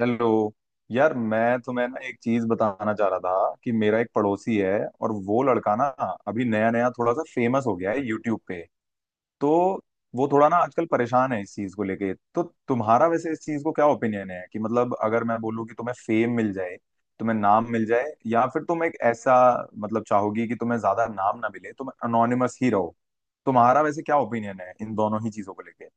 Hello. यार, मैं तुम्हें ना एक चीज बताना चाह रहा था कि मेरा एक पड़ोसी है, और वो लड़का ना अभी नया नया थोड़ा सा फेमस हो गया है यूट्यूब पे। तो वो थोड़ा ना आजकल परेशान है इस चीज को लेके। तो तुम्हारा वैसे इस चीज को क्या ओपिनियन है कि मतलब अगर मैं बोलूँ कि तुम्हें फेम मिल जाए, तुम्हें नाम मिल जाए, या फिर तुम एक ऐसा मतलब चाहोगी कि तुम्हें ज्यादा नाम ना मिले, तुम अनोनिमस ही रहो? तुम्हारा वैसे क्या ओपिनियन है इन दोनों ही चीजों को लेके?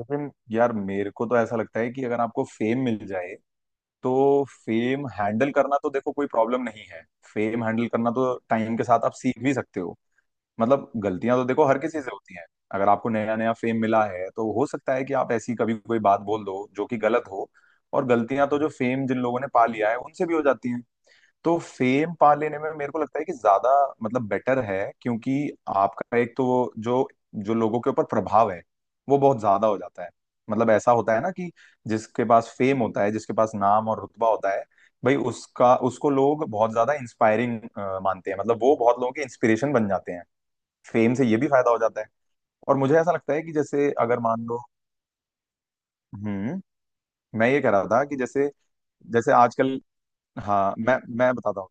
लेकिन यार, मेरे को तो ऐसा लगता है कि अगर आपको फेम मिल जाए तो फेम हैंडल करना तो देखो कोई प्रॉब्लम नहीं है। फेम हैंडल करना तो टाइम के साथ आप सीख भी सकते हो। मतलब गलतियां तो देखो हर किसी से होती हैं। अगर आपको नया नया फेम मिला है तो हो सकता है कि आप ऐसी कभी कोई बात बोल दो जो कि गलत हो। और गलतियां तो जो फेम जिन लोगों ने पा लिया है उनसे भी हो जाती हैं। तो फेम पा लेने में मेरे को लगता है कि ज्यादा मतलब बेटर है, क्योंकि आपका एक तो वो जो जो लोगों के ऊपर प्रभाव है वो बहुत ज्यादा हो जाता है। मतलब ऐसा होता है ना कि जिसके पास फेम होता है, जिसके पास नाम और रुतबा होता है, भाई उसका उसको लोग बहुत ज्यादा इंस्पायरिंग मानते हैं। मतलब वो बहुत लोगों के इंस्पिरेशन बन जाते हैं। फेम से ये भी फायदा हो जाता है। और मुझे ऐसा लगता है कि जैसे अगर मान लो। हम्म। मैं ये कह रहा था कि जैसे जैसे आजकल। हाँ, मैं बताता हूँ।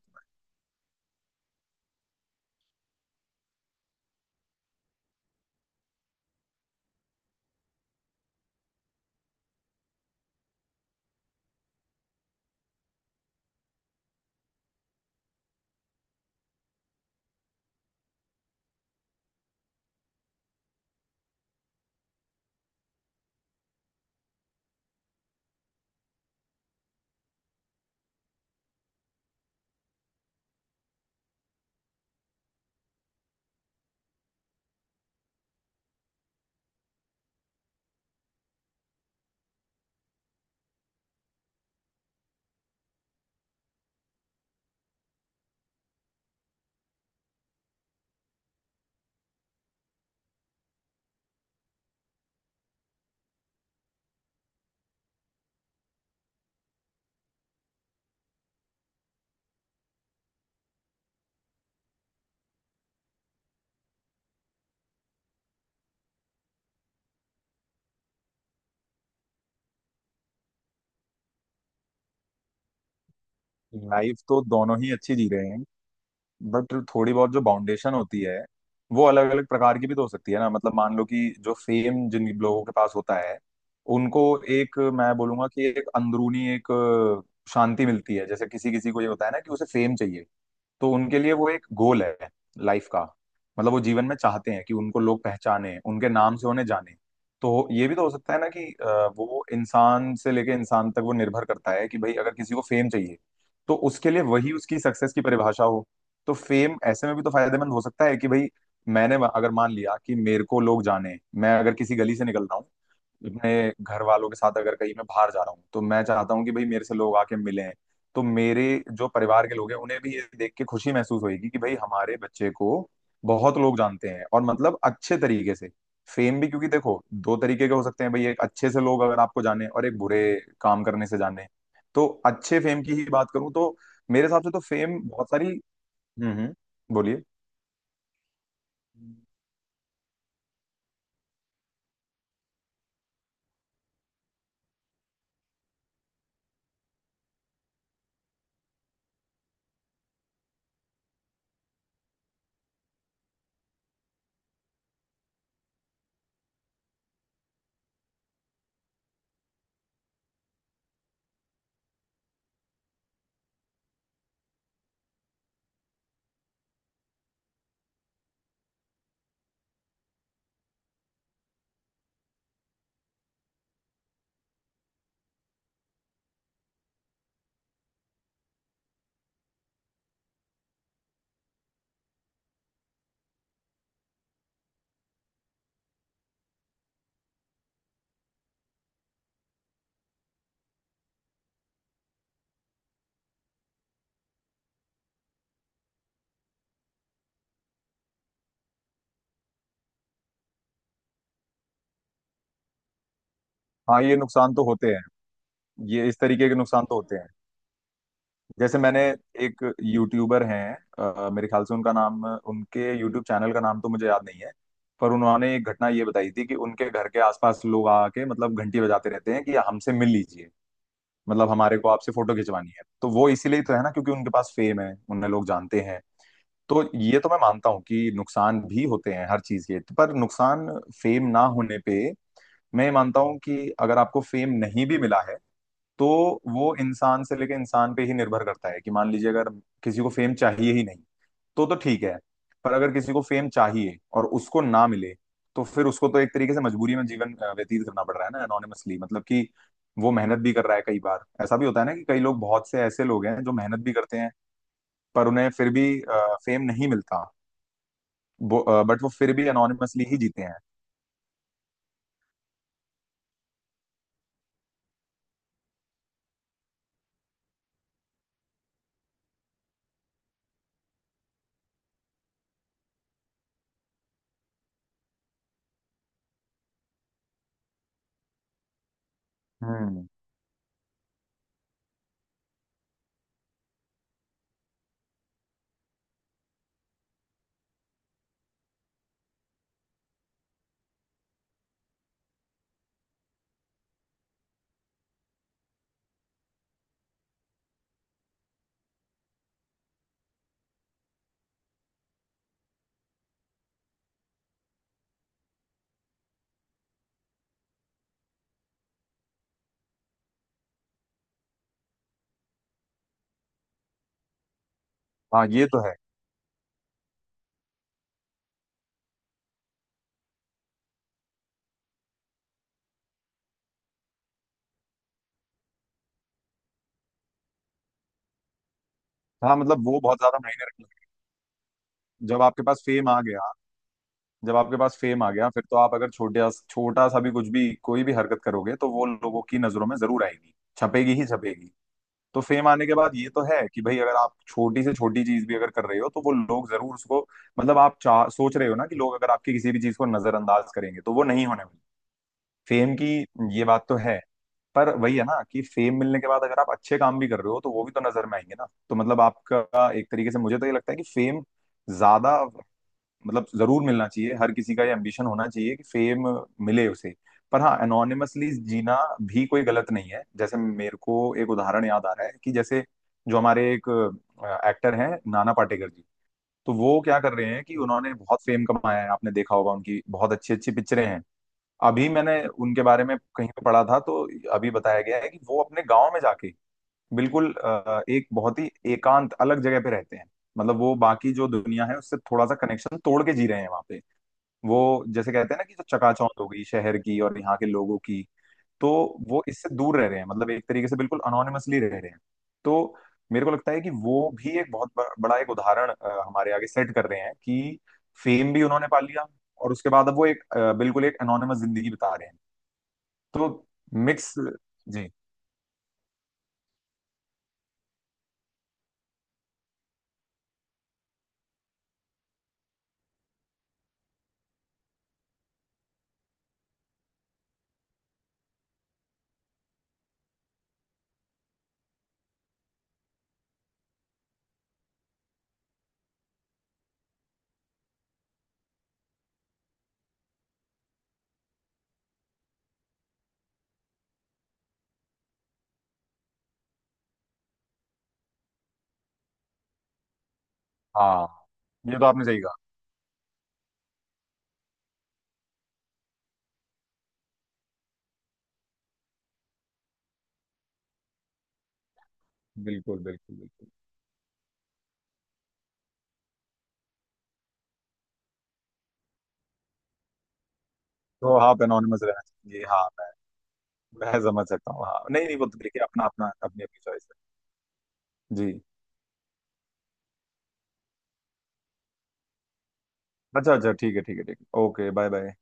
लाइफ तो दोनों ही अच्छी जी रहे हैं। बट थोड़ी बहुत जो बाउंडेशन होती है वो अलग अलग प्रकार की भी तो हो सकती है ना। मतलब मान लो कि जो फेम जिन लोगों के पास होता है, उनको एक, मैं बोलूंगा कि एक अंदरूनी एक शांति मिलती है। जैसे किसी किसी को ये होता है ना कि उसे फेम चाहिए। तो उनके लिए वो एक गोल है लाइफ का। मतलब वो जीवन में चाहते हैं कि उनको लोग पहचाने, उनके नाम से उन्हें जाने। तो ये भी तो हो सकता है ना कि वो इंसान से लेके इंसान तक वो निर्भर करता है कि भाई अगर किसी को फेम चाहिए तो उसके लिए वही उसकी सक्सेस की परिभाषा हो। तो फेम ऐसे में भी तो फायदेमंद हो सकता है कि भाई मैंने अगर मान लिया कि मेरे को लोग जाने, मैं अगर किसी गली से निकल रहा हूँ अपने घर वालों के साथ, अगर कहीं मैं बाहर जा रहा हूँ तो मैं चाहता हूँ कि भाई मेरे से लोग आके मिलें। तो मेरे जो परिवार के लोग हैं उन्हें भी ये देख के खुशी महसूस होगी कि भाई हमारे बच्चे को बहुत लोग जानते हैं, और मतलब अच्छे तरीके से। फेम भी क्योंकि देखो दो तरीके के हो सकते हैं भाई, एक अच्छे से लोग अगर आपको जाने और एक बुरे काम करने से जाने। तो अच्छे फेम की ही बात करूं तो मेरे हिसाब से तो फेम बहुत सारी। हम्म, हम्म। बोलिए। हाँ, ये नुकसान तो होते हैं। ये इस तरीके के नुकसान तो होते हैं। जैसे मैंने, एक यूट्यूबर हैं, मेरे ख्याल से उनका नाम उनके यूट्यूब चैनल का नाम तो मुझे याद नहीं है। पर उन्होंने एक घटना ये बताई थी कि उनके घर के आसपास लोग आके मतलब घंटी बजाते रहते हैं कि हमसे मिल लीजिए। मतलब हमारे को आपसे फोटो खिंचवानी है, तो वो इसीलिए तो है ना क्योंकि उनके पास फेम है, उन्हें लोग जानते हैं। तो ये तो मैं मानता हूँ कि नुकसान भी होते हैं हर चीज के। पर नुकसान फेम ना होने पे, मैं ये मानता हूँ कि अगर आपको फेम नहीं भी मिला है तो वो इंसान से लेकर इंसान पे ही निर्भर करता है कि मान लीजिए अगर किसी को फेम चाहिए ही नहीं, तो ठीक है। पर अगर किसी को फेम चाहिए और उसको ना मिले तो फिर उसको तो एक तरीके से मजबूरी में जीवन व्यतीत करना पड़ रहा है ना एनोनिमसली, मतलब कि वो मेहनत भी कर रहा है। कई बार ऐसा भी होता है ना कि कई लोग बहुत से ऐसे लोग हैं जो मेहनत भी करते हैं, पर उन्हें फिर भी फेम नहीं मिलता, बट वो फिर भी एनोनिमसली ही जीते हैं। हम्म। हाँ, ये तो है। हाँ मतलब वो बहुत ज्यादा मायने रखता है जब आपके पास फेम आ गया। जब आपके पास फेम आ गया, फिर तो आप अगर छोटा छोटा सा भी कुछ भी कोई भी हरकत करोगे तो वो लोगों की नजरों में जरूर आएगी, छपेगी ही छपेगी। तो फेम आने के बाद ये तो है कि भाई अगर आप छोटी से छोटी चीज भी अगर कर रहे हो तो वो लोग जरूर उसको। मतलब आप चाह सोच रहे हो ना कि लोग अगर आपकी किसी भी चीज को नजरअंदाज करेंगे तो वो नहीं होने वाली फेम की। ये बात तो है। पर वही है ना कि फेम मिलने के बाद अगर आप अच्छे काम भी कर रहे हो तो वो भी तो नजर में आएंगे ना, तो मतलब आपका एक तरीके से मुझे तो ये लगता है कि फेम ज्यादा मतलब जरूर मिलना चाहिए। हर किसी का ये एम्बिशन होना चाहिए कि फेम मिले उसे। पर हाँ, एनोनिमसली जीना भी कोई गलत नहीं है। जैसे मेरे को एक उदाहरण याद आ रहा है कि जैसे जो हमारे एक एक्टर हैं, नाना पाटेकर जी। तो वो क्या कर रहे हैं कि उन्होंने बहुत फेम कमाया है, आपने देखा होगा उनकी बहुत अच्छी अच्छी पिक्चरें हैं। अभी मैंने उनके बारे में कहीं पे पढ़ा था, तो अभी बताया गया है कि वो अपने गांव में जाके बिल्कुल एक बहुत ही एकांत अलग जगह पे रहते हैं। मतलब वो बाकी जो दुनिया है उससे थोड़ा सा कनेक्शन तोड़ के जी रहे हैं वहां पे। वो जैसे कहते हैं ना कि जो चकाचौंध हो गई शहर की और यहाँ के लोगों की। तो वो इससे दूर रह रहे हैं, मतलब एक तरीके से बिल्कुल अनोनिमसली रह रहे हैं। तो मेरे को लगता है कि वो भी एक बहुत बड़ा एक उदाहरण हमारे आगे सेट कर रहे हैं कि फेम भी उन्होंने पा लिया, और उसके बाद अब वो एक बिल्कुल एक अनोनिमस जिंदगी बिता रहे हैं। तो मिक्स जी। हाँ, ये तो आपने सही कहा। बिल्कुल, बिल्कुल, बिल्कुल। तो आप एनोनिमस रहना चाहिए। हाँ, मैं समझ सकता हूँ। हाँ, नहीं, नहीं, वो तो देखिए अपना अपना अपनी अपनी चॉइस है जी। अच्छा, अच्छा, ठीक है, ठीक है, ठीक है, ओके, बाय बाय।